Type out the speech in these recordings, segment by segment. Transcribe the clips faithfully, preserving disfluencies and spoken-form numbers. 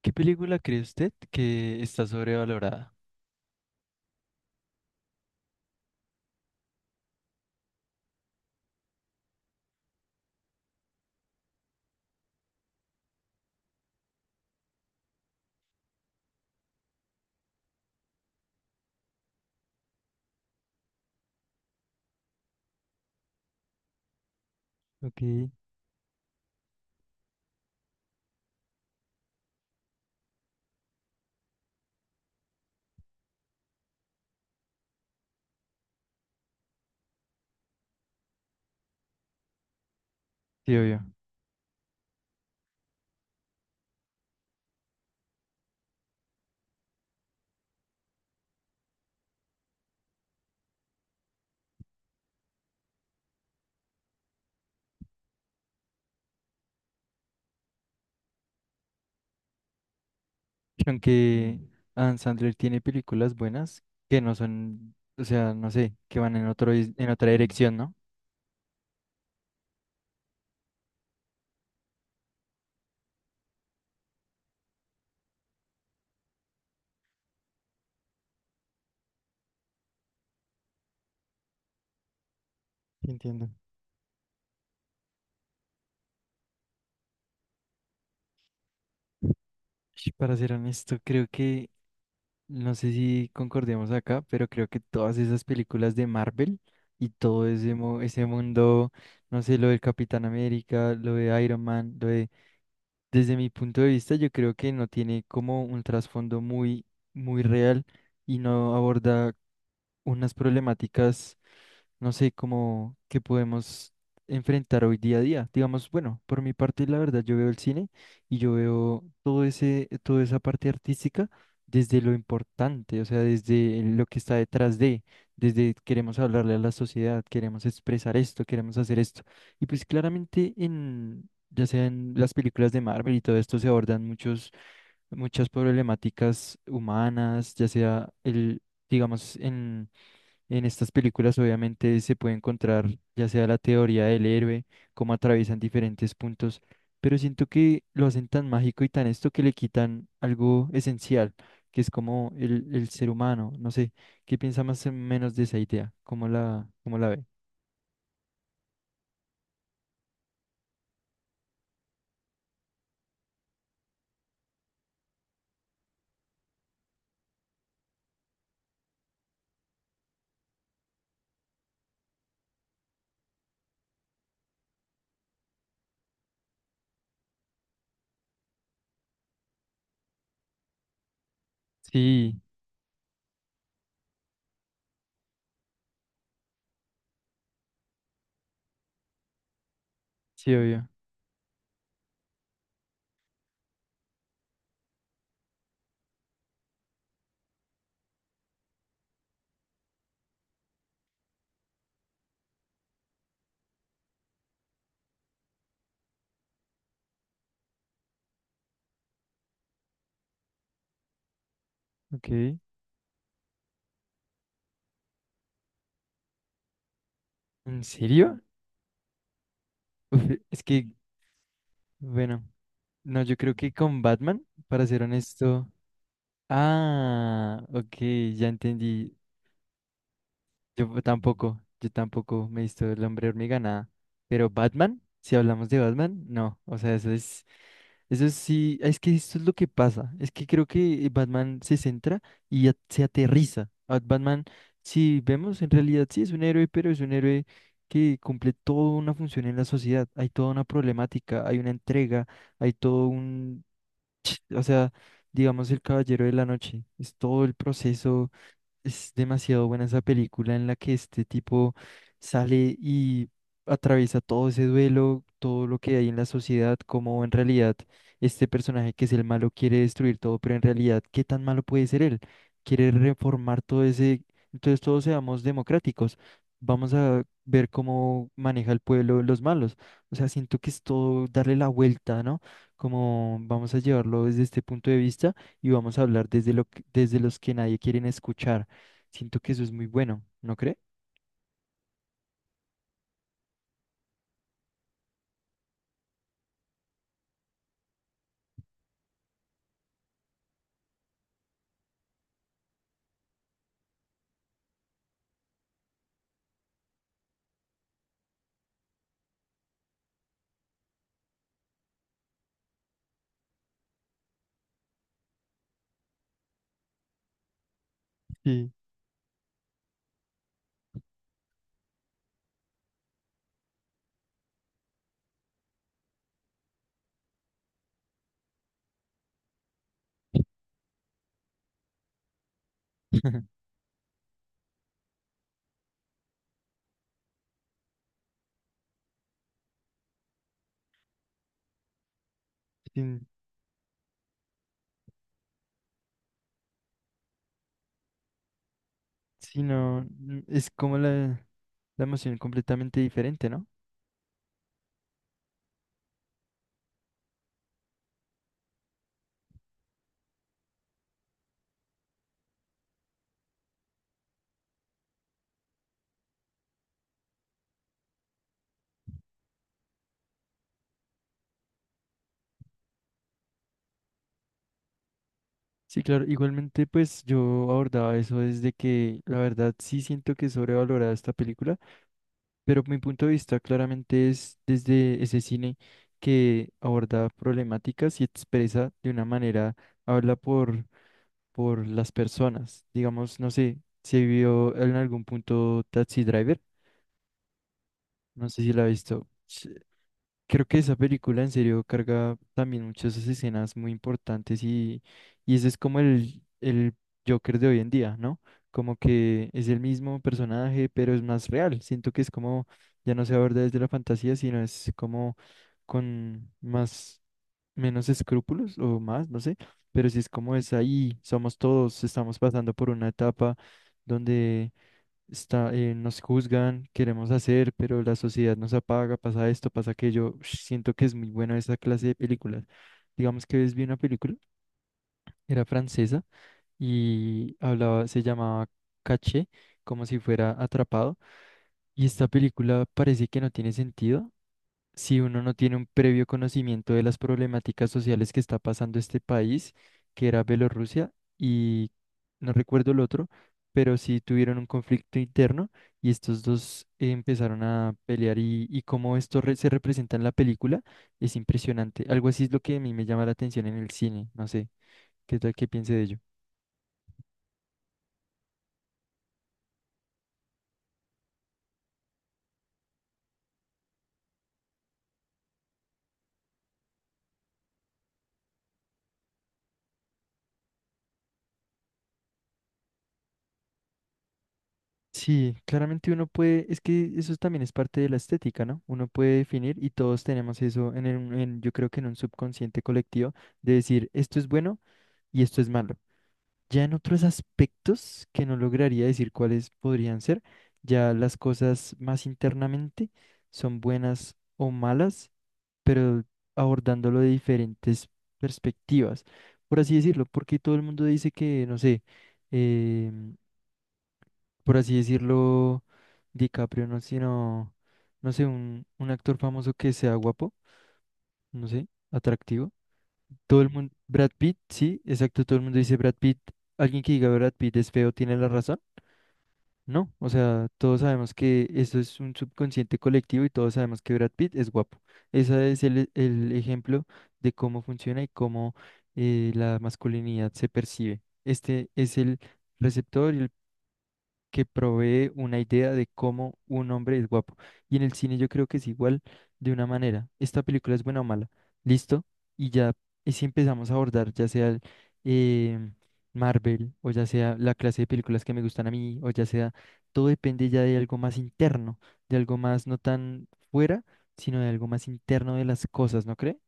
¿Qué película cree usted que está sobrevalorada? Ok. Sí, obvio. Aunque Adam Sandler tiene películas buenas que no son, o sea, no sé, que van en otro, dis- en otra dirección, ¿no? Sí, entiendo. Y Para ser honesto, creo que, no sé si concordemos acá, pero creo que todas esas películas de Marvel y todo ese, mu- ese mundo, no sé, lo del Capitán América, lo de Iron Man, lo de... Desde mi punto de vista, yo creo que no tiene como un trasfondo muy, muy real y no aborda unas problemáticas, no sé cómo que podemos enfrentar hoy día a día. Digamos, bueno, por mi parte, la verdad, yo veo el cine y yo veo todo ese, toda esa parte artística desde lo importante, o sea, desde lo que está detrás de, desde queremos hablarle a la sociedad, queremos expresar esto, queremos hacer esto. Y pues claramente en, ya sea en las películas de Marvel y todo esto se abordan muchos muchas problemáticas humanas, ya sea el, digamos, en en estas películas obviamente se puede encontrar ya sea la teoría del héroe, cómo atraviesan diferentes puntos, pero siento que lo hacen tan mágico y tan esto que le quitan algo esencial, que es como el, el ser humano. No sé, ¿qué piensa más o menos de esa idea? ¿Cómo la, cómo la ve? Sí, sí, obvio. Ok. ¿En serio? Uf, es que, bueno, no, yo creo que con Batman, para ser honesto. Ah, ok, ya entendí. Yo tampoco, yo tampoco me he visto el hombre hormiga, nada. Pero Batman, si hablamos de Batman, no. O sea, eso es, eso sí, es que esto es lo que pasa. Es que creo que Batman se centra y a- se aterriza. A Batman, si vemos, en realidad sí es un héroe, pero es un héroe que cumple toda una función en la sociedad. Hay toda una problemática, hay una entrega, hay todo un... O sea, digamos el Caballero de la Noche. Es todo el proceso, es demasiado buena esa película en la que este tipo sale y atraviesa todo ese duelo, todo lo que hay en la sociedad, como en realidad este personaje que es el malo quiere destruir todo, pero en realidad, ¿qué tan malo puede ser él? Quiere reformar todo ese... Entonces todos seamos democráticos. Vamos a ver cómo maneja el pueblo los malos. O sea, siento que es todo darle la vuelta, ¿no? Como vamos a llevarlo desde este punto de vista y vamos a hablar desde lo que- desde los que nadie quieren escuchar. Siento que eso es muy bueno, ¿no cree? Sí, sí. Sí, no, n- es como la, la emoción completamente diferente, ¿no? Sí, claro, igualmente pues yo abordaba eso desde que la verdad sí siento que es sobrevalorada esta película, pero mi punto de vista claramente es desde ese cine que aborda problemáticas y expresa de una manera, habla por, por las personas. Digamos, no sé, se vio en algún punto Taxi Driver, no sé si la ha visto. Creo que esa película en serio carga también muchas escenas muy importantes y, y ese es como el, el Joker de hoy en día, ¿no? Como que es el mismo personaje, pero es más real. Siento que es como, ya no se aborda desde la fantasía, sino es como con más, menos escrúpulos o más, no sé. Pero sí es como es ahí, somos todos, estamos pasando por una etapa donde está, eh, nos juzgan, queremos hacer, pero la sociedad nos apaga, pasa esto, pasa aquello. Ush, siento que es muy buena esa clase de películas. Digamos que ves vi una película, era francesa y hablaba, se llamaba Caché, como si fuera atrapado. Y esta película parece que no tiene sentido, si uno no tiene un previo conocimiento de las problemáticas sociales que está pasando este país, que era Bielorrusia, y no recuerdo el otro, pero sí tuvieron un conflicto interno y estos dos eh, empezaron a pelear y, y cómo esto re- se representa en la película es impresionante. Algo así es lo que a mí me llama la atención en el cine, no sé, ¿qué tal que piense de ello? Sí, claramente uno puede, es que eso también es parte de la estética, ¿no? Uno puede definir y todos tenemos eso en, el- en- yo creo que en un subconsciente colectivo de decir esto es bueno y esto es malo. Ya en otros aspectos que no lograría decir cuáles podrían ser, ya las cosas más internamente son buenas o malas, pero abordándolo de diferentes perspectivas, por así decirlo, porque todo el mundo dice que, no sé, em, por así decirlo, DiCaprio, no, sino, no sé, un, un actor famoso que sea guapo, no sé, atractivo. Todo el mundo, Brad Pitt, sí, exacto, todo el mundo dice Brad Pitt. Alguien que diga Brad Pitt es feo tiene la razón. No, o sea, todos sabemos que eso es un subconsciente colectivo y todos sabemos que Brad Pitt es guapo. Ese es el, el ejemplo de cómo funciona y cómo eh, la masculinidad se percibe. Este es el receptor y el que provee una idea de cómo un hombre es guapo. Y en el cine yo creo que es igual de una manera. Esta película es buena o mala. Listo. Y ya, y si empezamos a abordar, ya sea el, eh, Marvel, o ya sea la clase de películas que me gustan a mí, o ya sea, todo depende ya de algo más interno, de algo más no tan fuera, sino de algo más interno de las cosas, ¿no cree?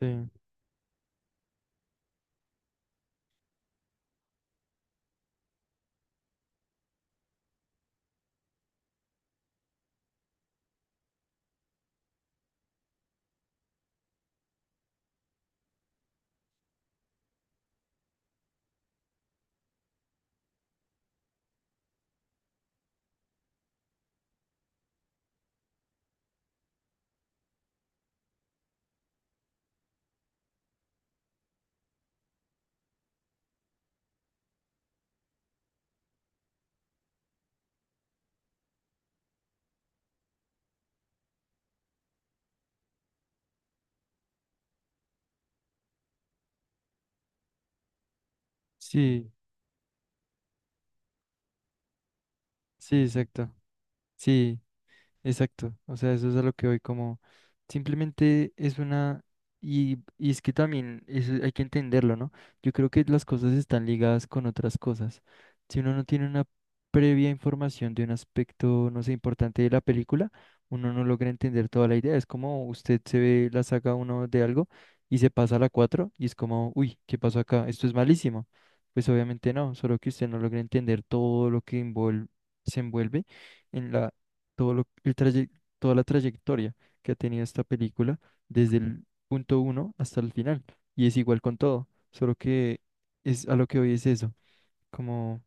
Sí, sí, sí, exacto. Sí. Exacto, o sea, eso es a lo que voy como simplemente es una y, y es que también eso hay que entenderlo, ¿no? Yo creo que las cosas están ligadas con otras cosas. Si uno no tiene una previa información de un aspecto, no sé, importante de la película, uno no logra entender toda la idea. Es como usted se ve la saga uno de algo y se pasa a la cuatro y es como, uy, ¿qué pasó acá? Esto es malísimo. Pues obviamente no, solo que usted no logra entender todo lo que envuel- se envuelve en la todo lo- el traye- toda la trayectoria que ha tenido esta película desde el punto uno hasta el final. Y es igual con todo, solo que es a lo que hoy es eso. Como,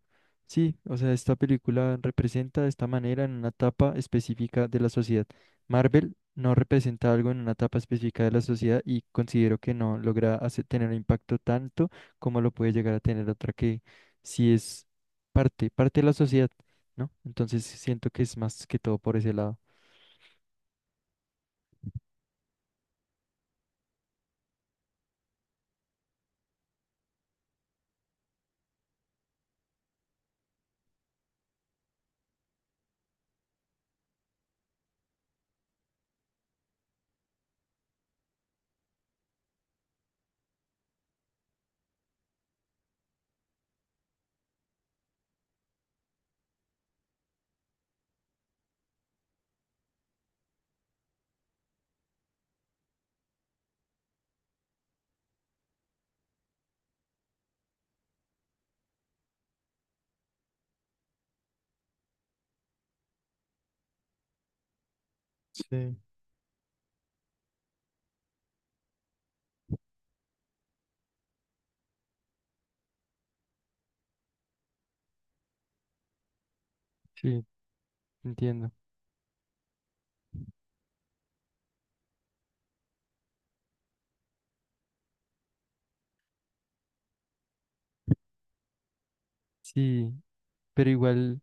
sí, o sea, esta película representa de esta manera en una etapa específica de la sociedad. Marvel no representa algo en una etapa específica de la sociedad y considero que no logra hace- tener un impacto tanto como lo puede llegar a tener otra que sí es parte, parte de la sociedad, ¿no? Entonces siento que es más que todo por ese lado. Sí. Sí, entiendo. Sí, pero igual.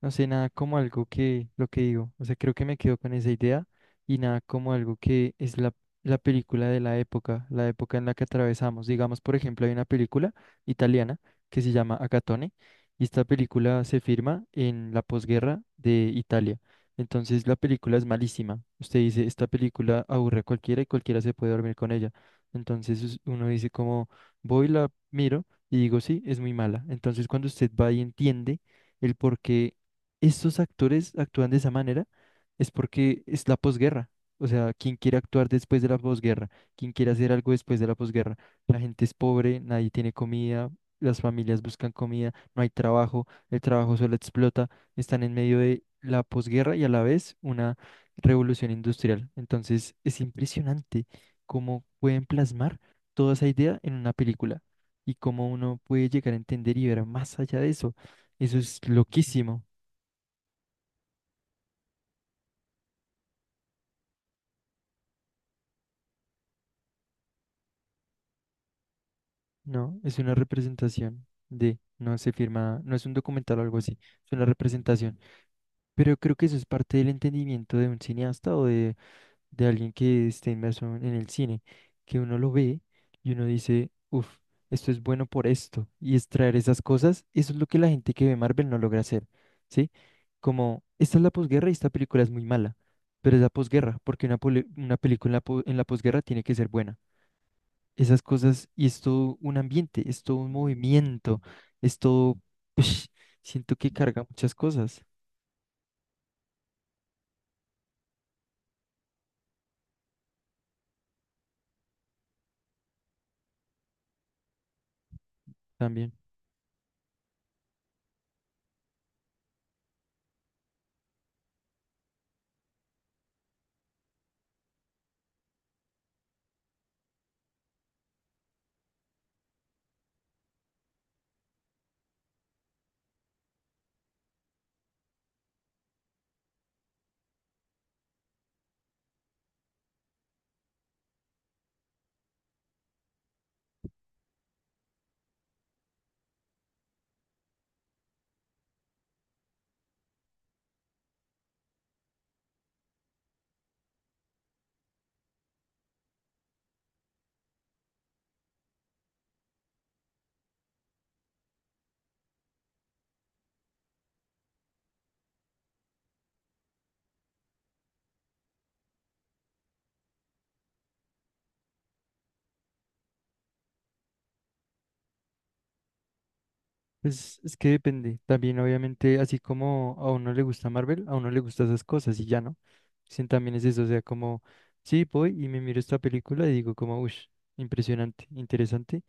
No sé, nada como algo que lo que digo. O sea, creo que me quedo con esa idea y nada como algo que es la, la película de la época, la época en la que atravesamos. Digamos, por ejemplo, hay una película italiana que se llama Acatone y esta película se firma en la posguerra de Italia. Entonces, la película es malísima. Usted dice, esta película aburre a cualquiera y cualquiera se puede dormir con ella. Entonces, us- uno dice como, voy, la miro y digo, sí, es muy mala. Entonces, cuando usted va y entiende el por qué estos actores actúan de esa manera es porque es la posguerra. O sea, ¿quién quiere actuar después de la posguerra? ¿Quién quiere hacer algo después de la posguerra? La gente es pobre, nadie tiene comida, las familias buscan comida, no hay trabajo, el trabajo solo explota, están en medio de la posguerra y a la vez una revolución industrial. Entonces, es impresionante cómo pueden plasmar toda esa idea en una película y cómo uno puede llegar a entender y ver más allá de eso. Eso es loquísimo. No, es una representación de, no se firma, no es un documental o algo así, es una representación. Pero creo que eso es parte del entendimiento de un cineasta o de, de alguien que esté inmerso en el cine, que uno lo ve y uno dice, uff, esto es bueno por esto, y extraer esas cosas, eso es lo que la gente que ve Marvel no logra hacer, ¿sí? Como, esta es la posguerra y esta película es muy mala, pero es la posguerra, porque una, poli- una película en la po- en la posguerra tiene que ser buena, esas cosas, y es todo un ambiente, es todo un movimiento, es todo, ush, siento que carga muchas cosas también. Pues es que depende. También obviamente, así como a uno le gusta Marvel, a uno le gustan esas cosas y ya no. Sí, también es eso, o sea, como, sí, voy y me miro esta película y digo como, uff, impresionante, interesante.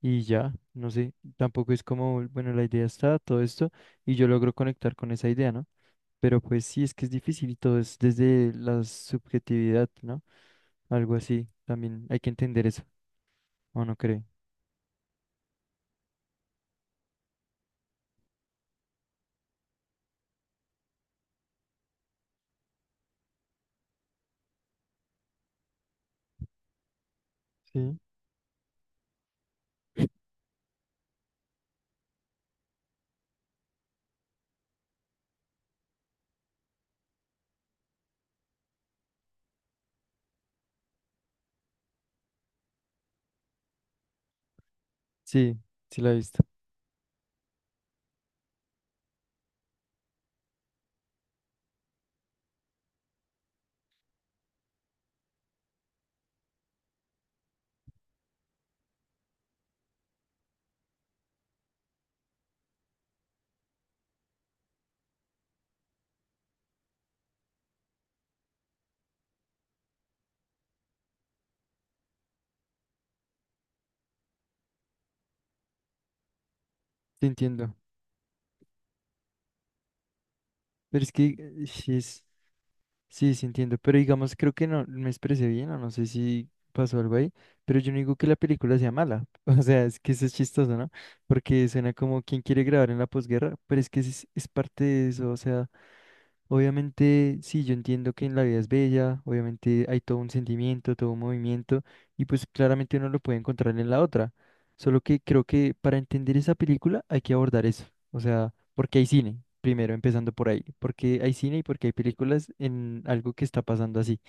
Y ya, no sé, tampoco es como, bueno, la idea está, todo esto, y yo logro conectar con esa idea, ¿no? Pero pues sí, es que es difícil y todo es desde la subjetividad, ¿no? Algo así, también hay que entender eso, ¿o no cree? Sí, sí, sí la he visto, te entiendo. Pero es que eh, sí, es, sí, sí entiendo, pero digamos, creo que no me expresé bien o no sé si pasó algo ahí, pero yo no digo que la película sea mala, o sea, es que eso es chistoso, ¿no? Porque suena como quien quiere grabar en la posguerra, pero es que es, es parte de eso, o sea... Obviamente, sí, yo entiendo que en la vida es bella, obviamente hay todo un sentimiento, todo un movimiento, y pues claramente uno lo puede encontrar en la otra. Solo que creo que para entender esa película hay que abordar eso. O sea, porque hay cine, primero empezando por ahí, porque hay cine y porque hay películas en algo que está pasando así.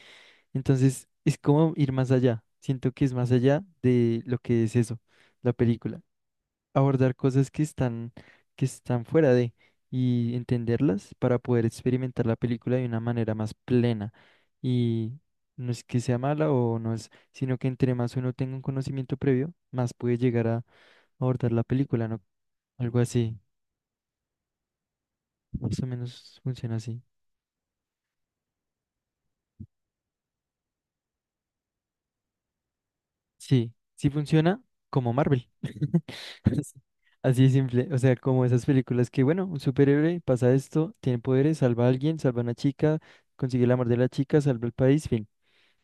Entonces, es como ir más allá. Siento que es más allá de lo que es eso, la película abordar cosas que están, que están fuera de y entenderlas para poder experimentar la película de una manera más plena. Y no es que sea mala o no es, sino que entre más uno tenga un conocimiento previo, más puede llegar a abordar la película, ¿no? Algo así, más o menos funciona así. Sí, sí funciona como Marvel. Así así de simple, o sea, como esas películas que, bueno, un superhéroe pasa esto, tiene poderes, salva a alguien, salva a una chica, consigue el amor de la chica, salva el país, fin.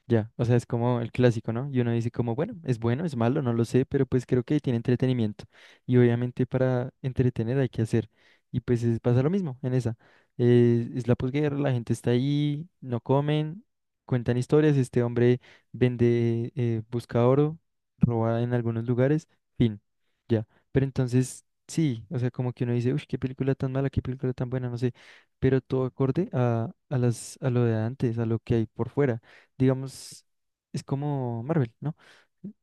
Ya, o sea, es como el clásico, ¿no? Y uno dice como, bueno, es bueno, es malo, no lo sé, pero pues creo que tiene entretenimiento. Y obviamente para entretener hay que hacer. Y pues es- pasa lo mismo en esa. Eh, es la posguerra, la gente está ahí, no comen, cuentan historias, este hombre vende, eh, busca oro, roba en algunos lugares, fin, ya. Pero entonces, sí, o sea, como que uno dice, uff, qué película tan mala, qué película tan buena, no sé, pero todo acorde a, a las, a lo de antes, a lo que hay por fuera digamos, es como Marvel, ¿no?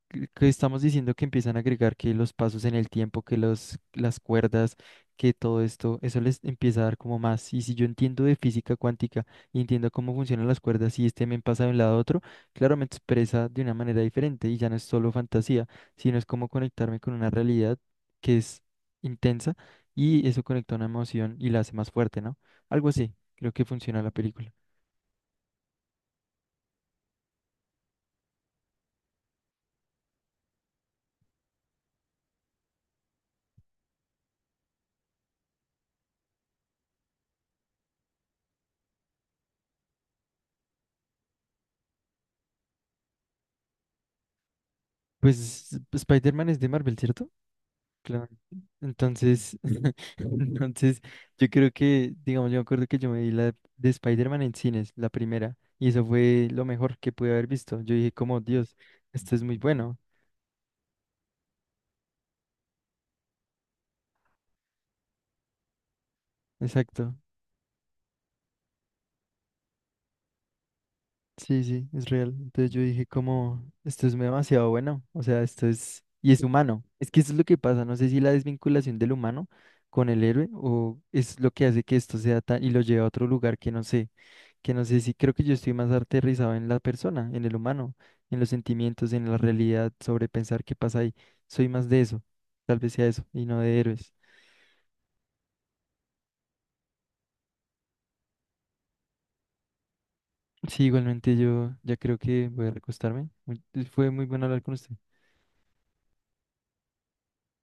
Que que estamos diciendo que empiezan a agregar que los pasos en el tiempo, que los, las cuerdas, que todo esto, eso les empieza a dar como más. Y si yo entiendo de física cuántica y entiendo cómo funcionan las cuerdas y este me pasa de un lado a otro, claro, me expresa de una manera diferente y ya no es solo fantasía, sino es como conectarme con una realidad que es intensa y eso conecta una emoción y la hace más fuerte, ¿no? Algo así, creo que funciona la película. Pues Spider-Man es de Marvel, ¿cierto? Claro. Entonces, entonces, yo creo que, digamos, yo me acuerdo que yo me vi la de Spider-Man en cines, la primera, y eso fue lo mejor que pude haber visto. Yo dije como, Dios, esto es muy bueno. Exacto. Sí, sí, es real. Entonces yo dije como, esto es demasiado bueno. O sea, esto es, y es humano. Es que eso es lo que pasa. No sé si la desvinculación del humano con el héroe o es lo que hace que esto sea tan, y lo lleve a otro lugar que no sé. Que no sé si creo que yo estoy más aterrizado en la persona, en el humano, en los sentimientos, en la realidad, sobre pensar qué pasa ahí. Soy más de eso, tal vez sea eso, y no de héroes. Sí, igualmente yo ya creo que voy a recostarme. Muy- Fue muy bueno hablar con usted.